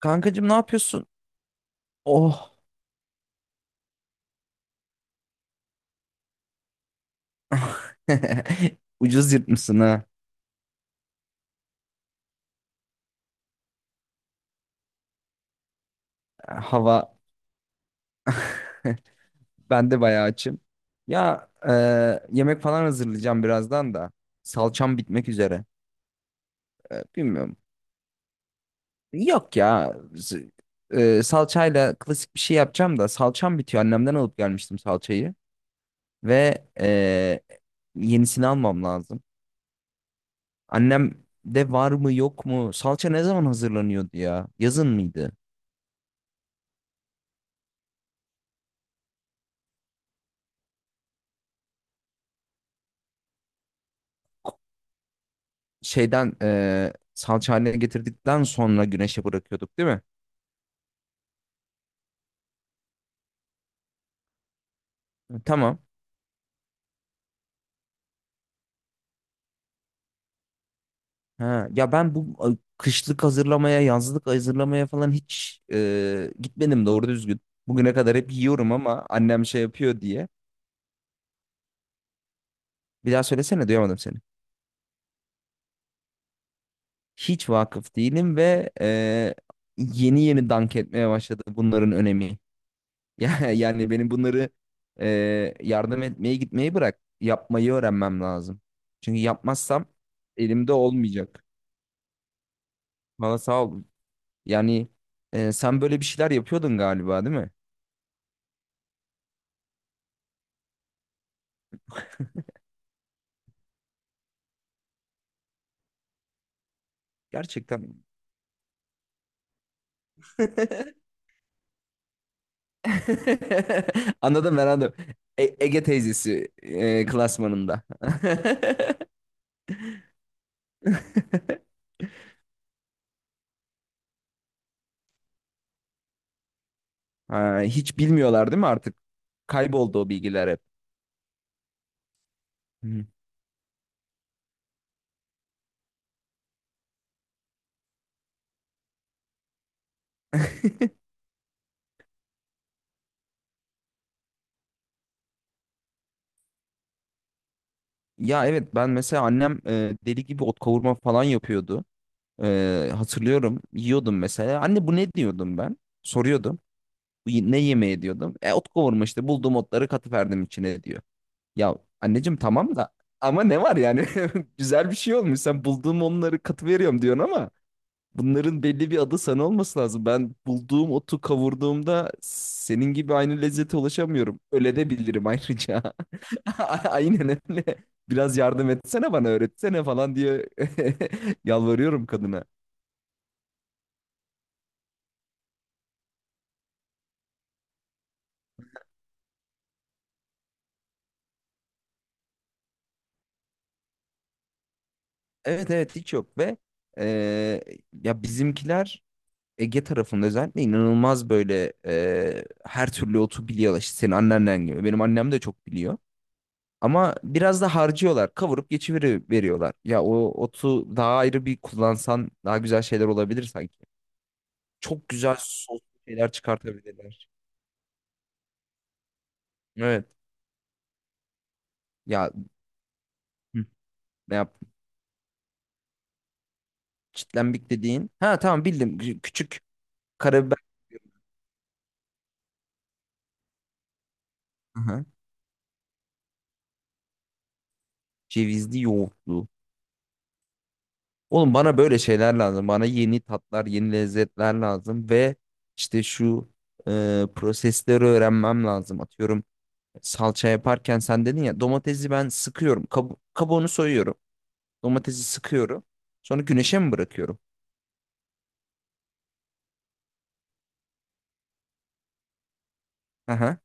Kankacığım ne yapıyorsun? Oh. Ucuz yırtmışsın ha. Hava. Ben de bayağı açım. Ya yemek falan hazırlayacağım birazdan da. Salçam bitmek üzere. E, bilmiyorum. Yok ya. Salçayla klasik bir şey yapacağım da salçam bitiyor. Annemden alıp gelmiştim salçayı. Ve yenisini almam lazım. Annem de var mı yok mu? Salça ne zaman hazırlanıyordu ya? Yazın mıydı? Şeyden salça haline getirdikten sonra güneşe bırakıyorduk değil mi? Tamam. Ha, ya ben bu kışlık hazırlamaya, yazlık hazırlamaya falan hiç gitmedim doğru düzgün. Bugüne kadar hep yiyorum ama annem şey yapıyor diye. Bir daha söylesene duyamadım seni. Hiç vakıf değilim ve yeni yeni dank etmeye başladı bunların önemi. Yani benim bunları e, yardım etmeye gitmeyi bırak. Yapmayı öğrenmem lazım. Çünkü yapmazsam elimde olmayacak. Valla sağ ol. Yani sen böyle bir şeyler yapıyordun galiba değil mi? Gerçekten. Anladım ben anladım. Ege teyzesi klasmanında. Ha, hiç bilmiyorlar değil mi artık? Kayboldu o bilgiler hep. Hı. Ya evet ben mesela annem deli gibi ot kavurma falan yapıyordu. E, hatırlıyorum yiyordum mesela. Anne bu ne diyordum ben? Soruyordum. "Bu Ne yemeği diyordum. E, ot kavurma işte bulduğum otları katıverdim içine diyor. Ya anneciğim tamam da ama ne var yani? Güzel bir şey olmuş. Sen bulduğum onları katı veriyorum diyorsun ama bunların belli bir adı sana olması lazım. Ben bulduğum otu kavurduğumda senin gibi aynı lezzete ulaşamıyorum. Öyle de bilirim ayrıca. Aynen öyle. Biraz yardım etsene bana öğretsene falan diye yalvarıyorum kadına. Evet evet hiç yok ve e, ya bizimkiler Ege tarafında özellikle inanılmaz böyle her türlü otu biliyorlar. İşte senin annenden gibi. Benim annem de çok biliyor. Ama biraz da harcıyorlar. Kavurup geçiveri veriyorlar. Ya o otu daha ayrı bir kullansan daha güzel şeyler olabilir sanki. Çok güzel soslu şeyler çıkartabilirler. Evet. Ya hı, ne yaptın? Çitlenbik dediğin. Ha tamam bildim. Küçük karabiber. Aha. Cevizli yoğurtlu. Oğlum bana böyle şeyler lazım. Bana yeni tatlar, yeni lezzetler lazım ve işte şu prosesleri öğrenmem lazım. Atıyorum salça yaparken sen dedin ya domatesi ben sıkıyorum. Kabuğunu soyuyorum. Domatesi sıkıyorum. Sonra güneşe mi bırakıyorum? Aha.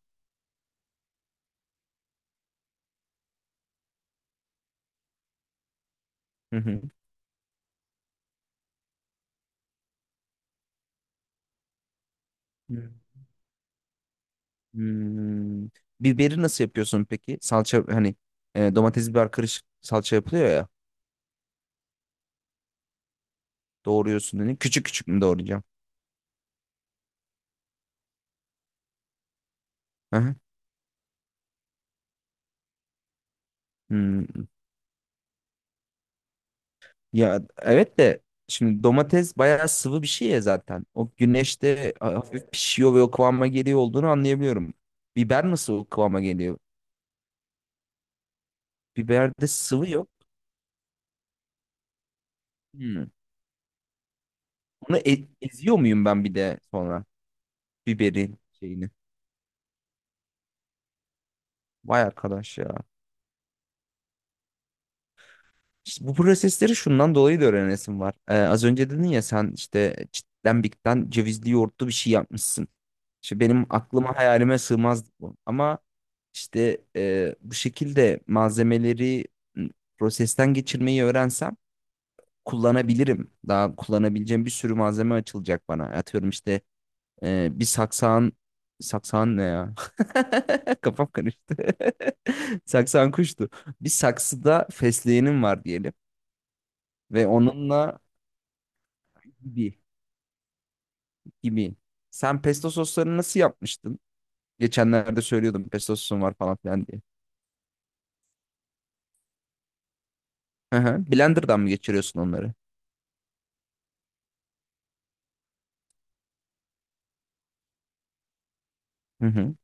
Hı hı. Hı. Hmm. Biberi nasıl yapıyorsun peki? Salça hani domates biber karışık salça yapılıyor ya. Doğruyorsun dedin. Küçük küçük mü doğrayacağım? Aha. Hmm. Ya evet de şimdi domates bayağı sıvı bir şey ya zaten. O güneşte hafif pişiyor ve o kıvama geliyor olduğunu anlayabiliyorum. Biber nasıl o kıvama geliyor? Biberde sıvı yok. Hmm. Onu eziyor muyum ben bir de sonra biberin şeyini? Vay arkadaş ya. İşte bu prosesleri şundan dolayı da öğrenesim var. Az önce dedin ya sen işte çitten bikten cevizli yoğurtlu bir şey yapmışsın. İşte benim aklıma hayalime sığmazdı bu. Ama işte bu şekilde malzemeleri m, prosesten geçirmeyi öğrensem kullanabilirim. Daha kullanabileceğim bir sürü malzeme açılacak bana. Atıyorum işte bir saksağın saksağın ne ya? Kafam karıştı. Saksağın kuştu. Bir saksıda fesleğenim var diyelim ve onunla gibi gibi. Sen pesto soslarını nasıl yapmıştın? Geçenlerde söylüyordum pesto sosum var falan filan diye. Hı hı. Blender'dan mı geçiriyorsun onları? Hı hı.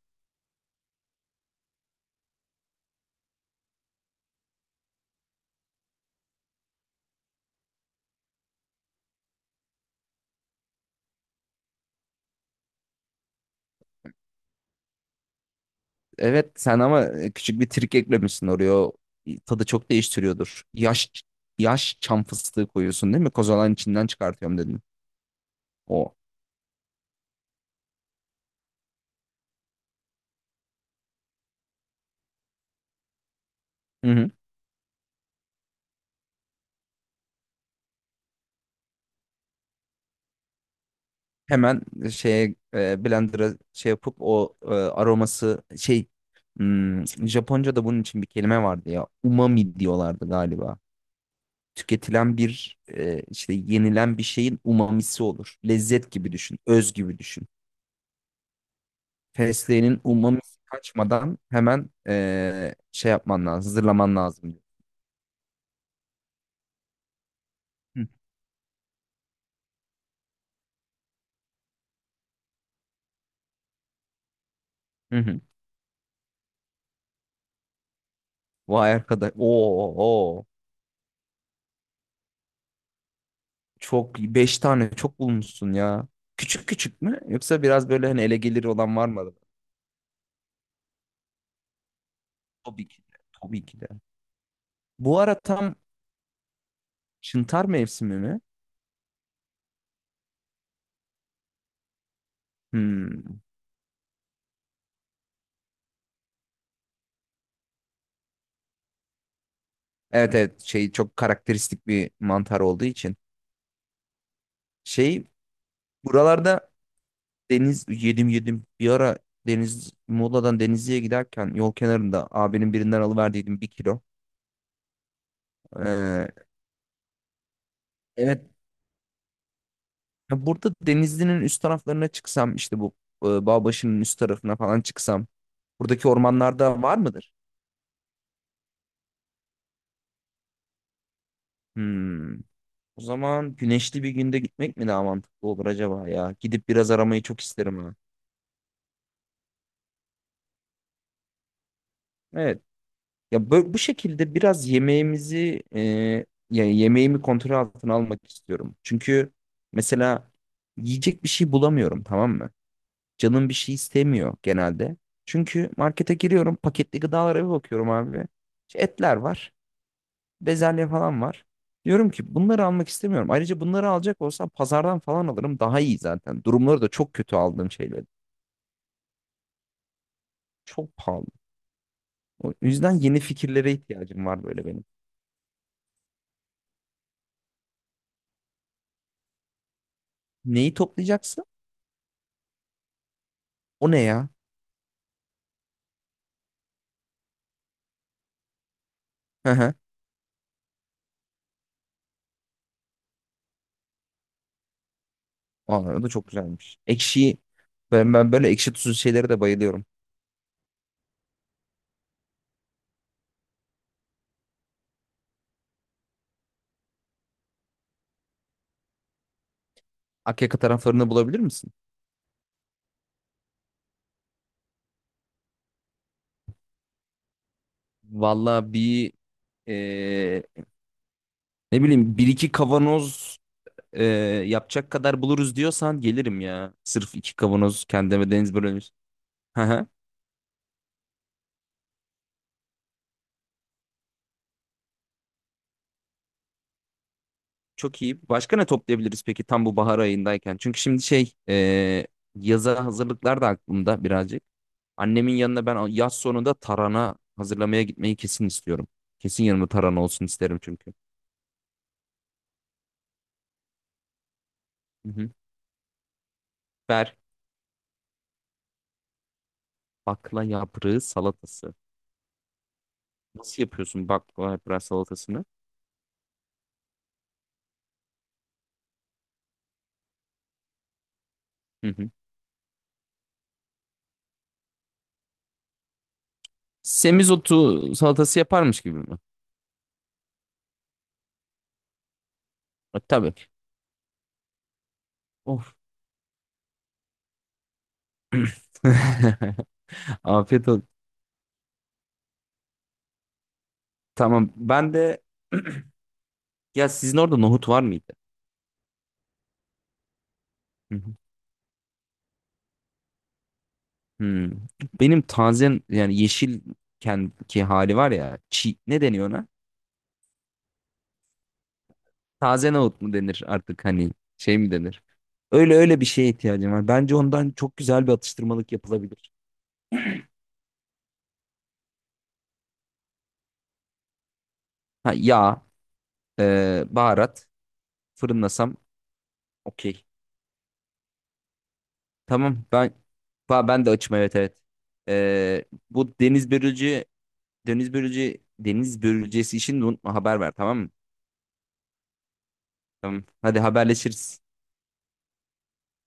Evet sen ama küçük bir trik eklemişsin oraya. O tadı çok değiştiriyordur. Yaş yaş çam fıstığı koyuyorsun değil mi? Kozalan içinden çıkartıyorum dedin. O. Hı hı. Hemen şeye blender'a şey yapıp o aroması şey Japonca'da bunun için bir kelime vardı ya. Umami diyorlardı galiba. Tüketilen bir işte yenilen bir şeyin umamisi olur. Lezzet gibi düşün, öz gibi düşün. Fesleğinin ummamisi kaçmadan hemen şey yapman lazım, hazırlaman lazım diyor. Hı hı. Hı. Vay arkadaş. Oo, oo. Çok beş tane çok bulmuşsun ya. Küçük küçük mü? Yoksa biraz böyle hani ele gelir olan var mı? Tabii ki de. Tabii ki de. Bu ara tam çıntar mevsimi mi? Hmm. Evet evet şey çok karakteristik bir mantar olduğu için. Şey buralarda Deniz yedim yedim. Bir ara Deniz Muğla'dan Denizli'ye giderken yol kenarında abinin birinden alıverdiydim bir kilo. Ee, evet ya burada Denizli'nin üst taraflarına çıksam işte bu Bağbaşı'nın üst tarafına falan çıksam buradaki ormanlarda var mıdır? Hmm. O zaman güneşli bir günde gitmek mi daha mantıklı olur acaba ya? Gidip biraz aramayı çok isterim ha. Evet. Ya bu şekilde biraz yemeğimizi ya yemeğimi kontrol altına almak istiyorum. Çünkü mesela yiyecek bir şey bulamıyorum tamam mı? Canım bir şey istemiyor genelde. Çünkü markete giriyorum paketli gıdalara bir bakıyorum abi. İşte etler var, bezelye falan var. Diyorum ki bunları almak istemiyorum. Ayrıca bunları alacak olsam pazardan falan alırım daha iyi zaten. Durumları da çok kötü aldığım şeyler. Çok pahalı. O yüzden yeni fikirlere ihtiyacım var böyle benim. Neyi toplayacaksın? O ne ya? Vallahi o da çok güzelmiş. Ekşiyi ben böyle ekşi tuzlu şeylere de bayılıyorum. Akyaka taraflarını bulabilir misin? Vallahi bir eee, ne bileyim bir iki kavanoz eee, yapacak kadar buluruz diyorsan gelirim ya. Sırf iki kavanoz kendime deniz börülmüş. Hı hı. Çok iyi. Başka ne toplayabiliriz peki tam bu bahar ayındayken? Çünkü şimdi şey yaza hazırlıklar da aklımda birazcık. Annemin yanına ben yaz sonunda tarhana hazırlamaya gitmeyi kesin istiyorum. Kesin yanımda tarhana olsun isterim çünkü. Ver bakla yaprağı salatası. Nasıl yapıyorsun bakla yaprağı salatasını? Hı hı. Semizotu salatası yaparmış gibi mi? E, tabii. Of. Afiyet olsun. Tamam. Ben de ya sizin orada nohut var mıydı? Hı hı. Hmm. Benim taze yani yeşilken ki hali var ya ne deniyor ona? Taze nohut mu denir artık hani şey mi denir? Öyle öyle bir şeye ihtiyacım var. Bence ondan çok güzel bir atıştırmalık yapılabilir. Ha, yağ. Baharat. Fırınlasam okey. Tamam ben ben de açım evet evet. Ee, bu deniz börülce deniz börülce deniz börülcesi için de unutma haber ver tamam mı? Tamam. Hadi haberleşiriz.